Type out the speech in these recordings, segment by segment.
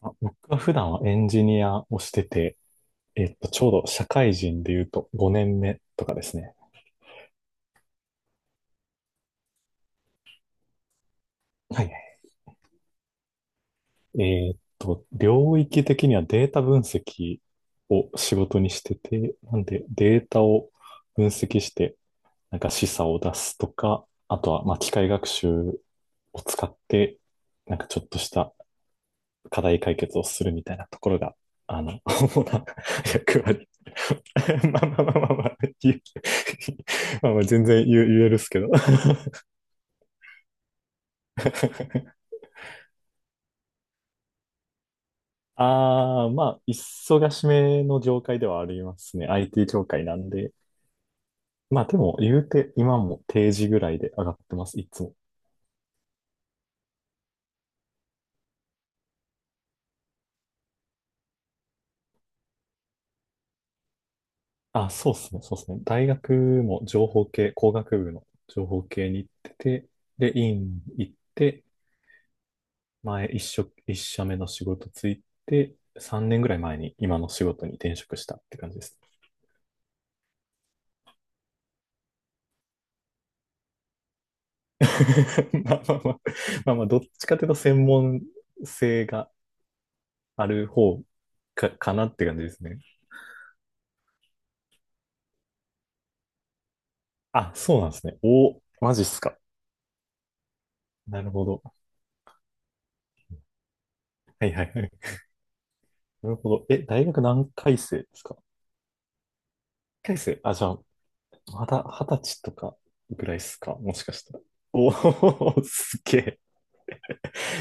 あ、僕は普段はエンジニアをしてて、ちょうど社会人で言うと5年目とかですね。はい。領域的にはデータ分析を仕事にしてて、なんでデータを分析して、なんか示唆を出すとか、あとは、まあ、機械学習を使って、なんかちょっとした課題解決をするみたいなところが、主な役割。まあまあまあまあまあ、まあまあ全然言えるっすけど。ああ、まあ、忙しめの業界ではありますね。IT 業界なんで。まあでも、言うて、今も定時ぐらいで上がってます、いつも。あ、そうっすね、そうっすね。大学も情報系、工学部の情報系に行ってて、で、院行って、前、一社目の仕事ついて、3年ぐらい前に今の仕事に転職したって感じです。まあまあまあ、まあまあ、どっちかというと専門性がある方かなって感じですね。あ、そうなんですね。お、マジっすか。なるほど。はいはいはい。なるほど。え、大学何回生ですか？何回生？あ、じゃあ、まだ20歳とかぐらいっすかもしかしたら。おお、すげえ。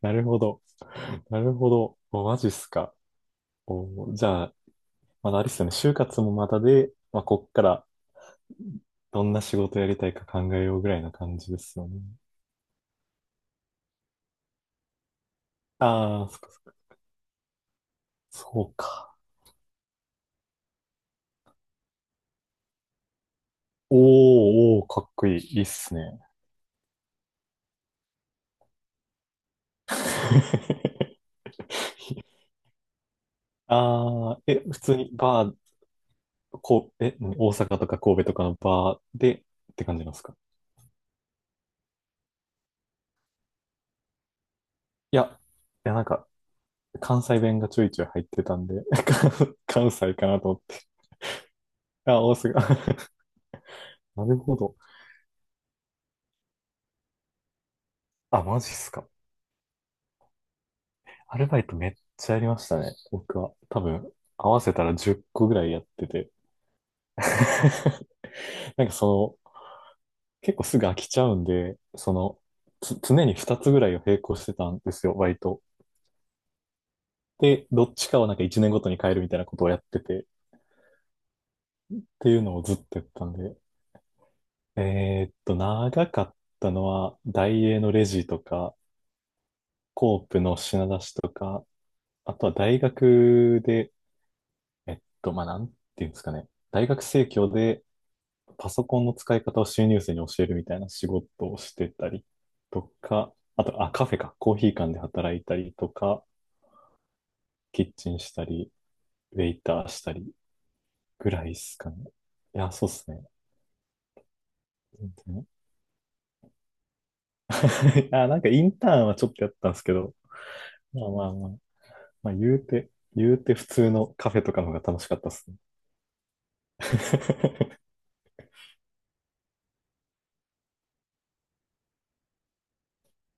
なるほど。なるほど。お、マジっすか。おー、じゃあ、まだあれですよね、就活もまだで、まあ、こっからどんな仕事やりたいか考えようぐらいな感じですよね。ああ、そっかそっか。そうか。おー、おー、かっこいい。いいっすね。ああ、え、普通にバー、こう、え、何大阪とか神戸とかのバーでって感じなんですか？いや、いや、なんか、関西弁がちょいちょい入ってたんで、関西かなと思って。あ、大阪。なるほど。あ、マジっすか。アルバイトめっちゃやりましたね。僕は。多分、合わせたら10個ぐらいやってて。なんか結構すぐ飽きちゃうんで、常に2つぐらいを並行してたんですよ、バイト。で、どっちかをなんか1年ごとに変えるみたいなことをやってて、っていうのをずっとやったんで。長かったのは、大英のレジとか、コープの品出しとか、あとは大学で、まあ、なんていうんですかね。大学生協で、パソコンの使い方を収入生に教えるみたいな仕事をしてたりとか、あと、あ、カフェか、コーヒー館で働いたりとか、キッチンしたり、ウェイターしたりぐらいですかね。いや、そうっすね。全然。 いや、なんかインターンはちょっとやったんですけど、まあまあまあ、まあ言うて普通のカフェとかの方が楽しかったっすね。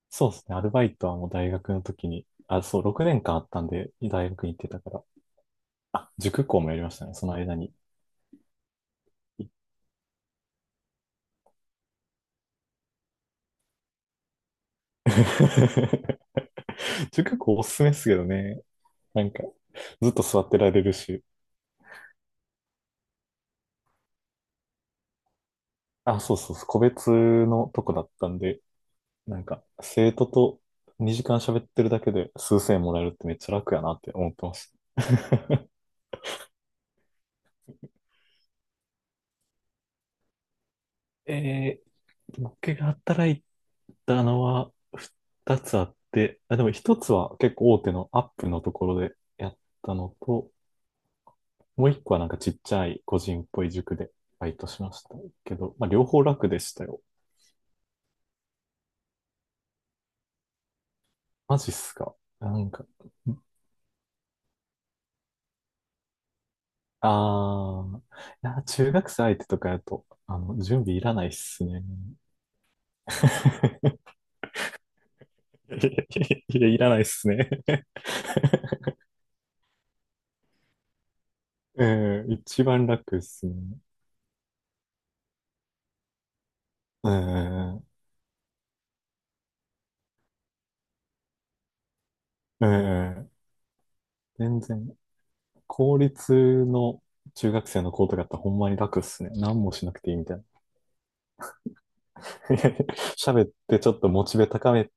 そうですね。アルバイトはもう大学の時に、あ、そう、6年間あったんで、大学に行ってたから。あ、塾講もやりましたね。その間に。塾講おすすめですけどね。なんか、ずっと座ってられるし。あ、そうそうそう、個別のとこだったんで、なんか、生徒と2時間喋ってるだけで数千円もらえるってめっちゃ楽やなって思ってました。え僕が働いたのは2つあって、あ、でも1つは結構大手のアップのところでやったのと、もう1個はなんかちっちゃい個人っぽい塾でバイトしましたけど、まあ両方楽でしたよ。マジっすか。なんか、ああ、いや、中学生相手とかやと、準備いらないっすね。いや、いらないっすね。うん、一番楽っすね。うん、うん、全然、公立の中学生の子とかってほんまに楽っすね。何もしなくていいみたいな。喋ってちょっとモチベ高め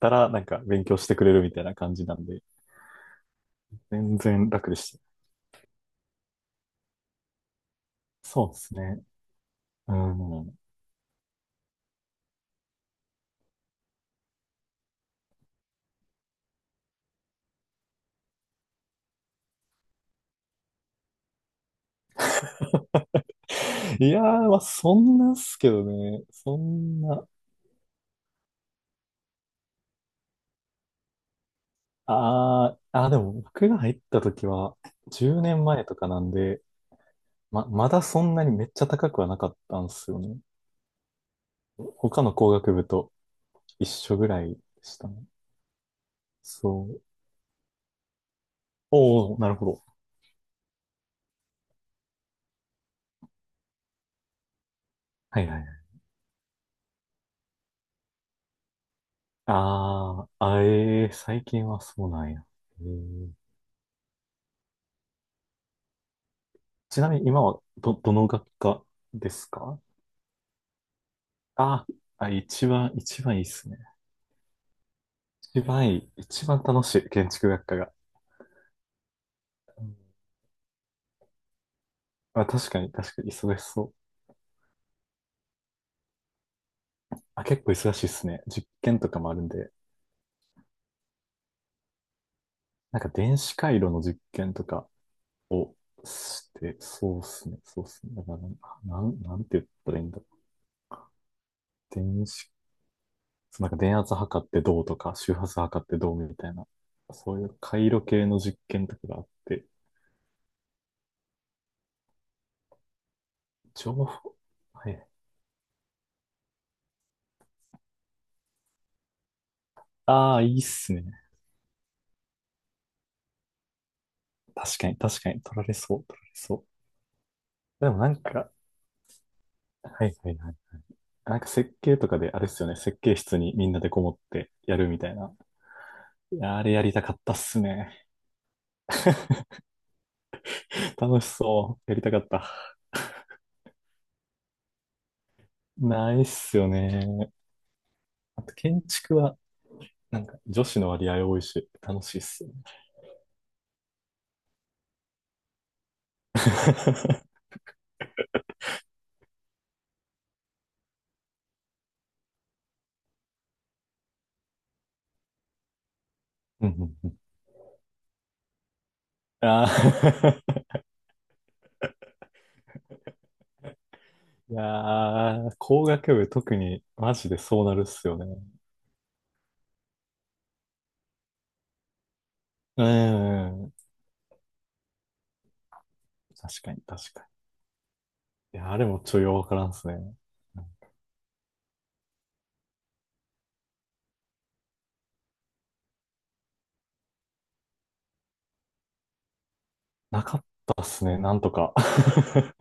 たら、なんか勉強してくれるみたいな感じなんで、全然楽でした。そうですね。うん。いやー、まあ、そんなっすけどね。そんな。あーあー、でも僕が入った時は10年前とかなんで、まだそんなにめっちゃ高くはなかったんですよね。他の工学部と一緒ぐらいでしたね。そう。おお、なるほど。はいはいはい。あーあ、最近はそうなんや。えーちなみに今はどの学科ですか？あーあ、一番、一番いいっすね。一番いい、一番楽しい、建築学科が。うん、あ、確かに、確かに、忙しそう。あ、結構忙しいっすね。実験とかもあるんで。なんか電子回路の実験とかをして、そうっすね、そうっすね。だからなんて言ったらいいんだろう。そうなんか電圧測ってどうとか、周波数測ってどうみたいな、そういう回路系の実験とかがあって、情報、はい。ああ、いいっすね。確かに、確かに、取られそう、取られそう。でもなんか、はいはいはい。なんか設計とかであれっすよね。設計室にみんなでこもってやるみたいな。いや、あれやりたかったっすね。楽しそう。やりたかった。ないっすよね。あと建築は、なんか女子の割合多いし、楽しいっすよね。うんうんうん、あー。 いやー、工学部特にマジでそうなるっすよね。うん、うん。確かに、確かに。いや、あれもちょいわからんっすね。なかったっすね、なんとか。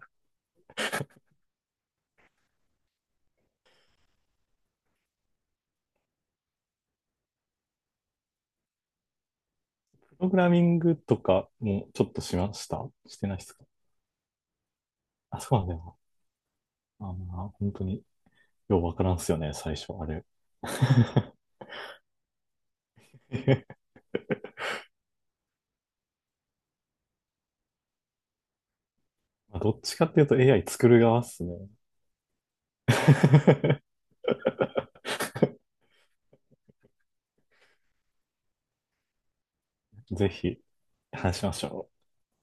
プログラミングとかもちょっとしましたしてないですか？あ、そうなんだよな。あまあ、本当にようわからんっすよね、最初、あれ。まあどっちかっていうと AI 作る側っすね。ぜひ話しましょう。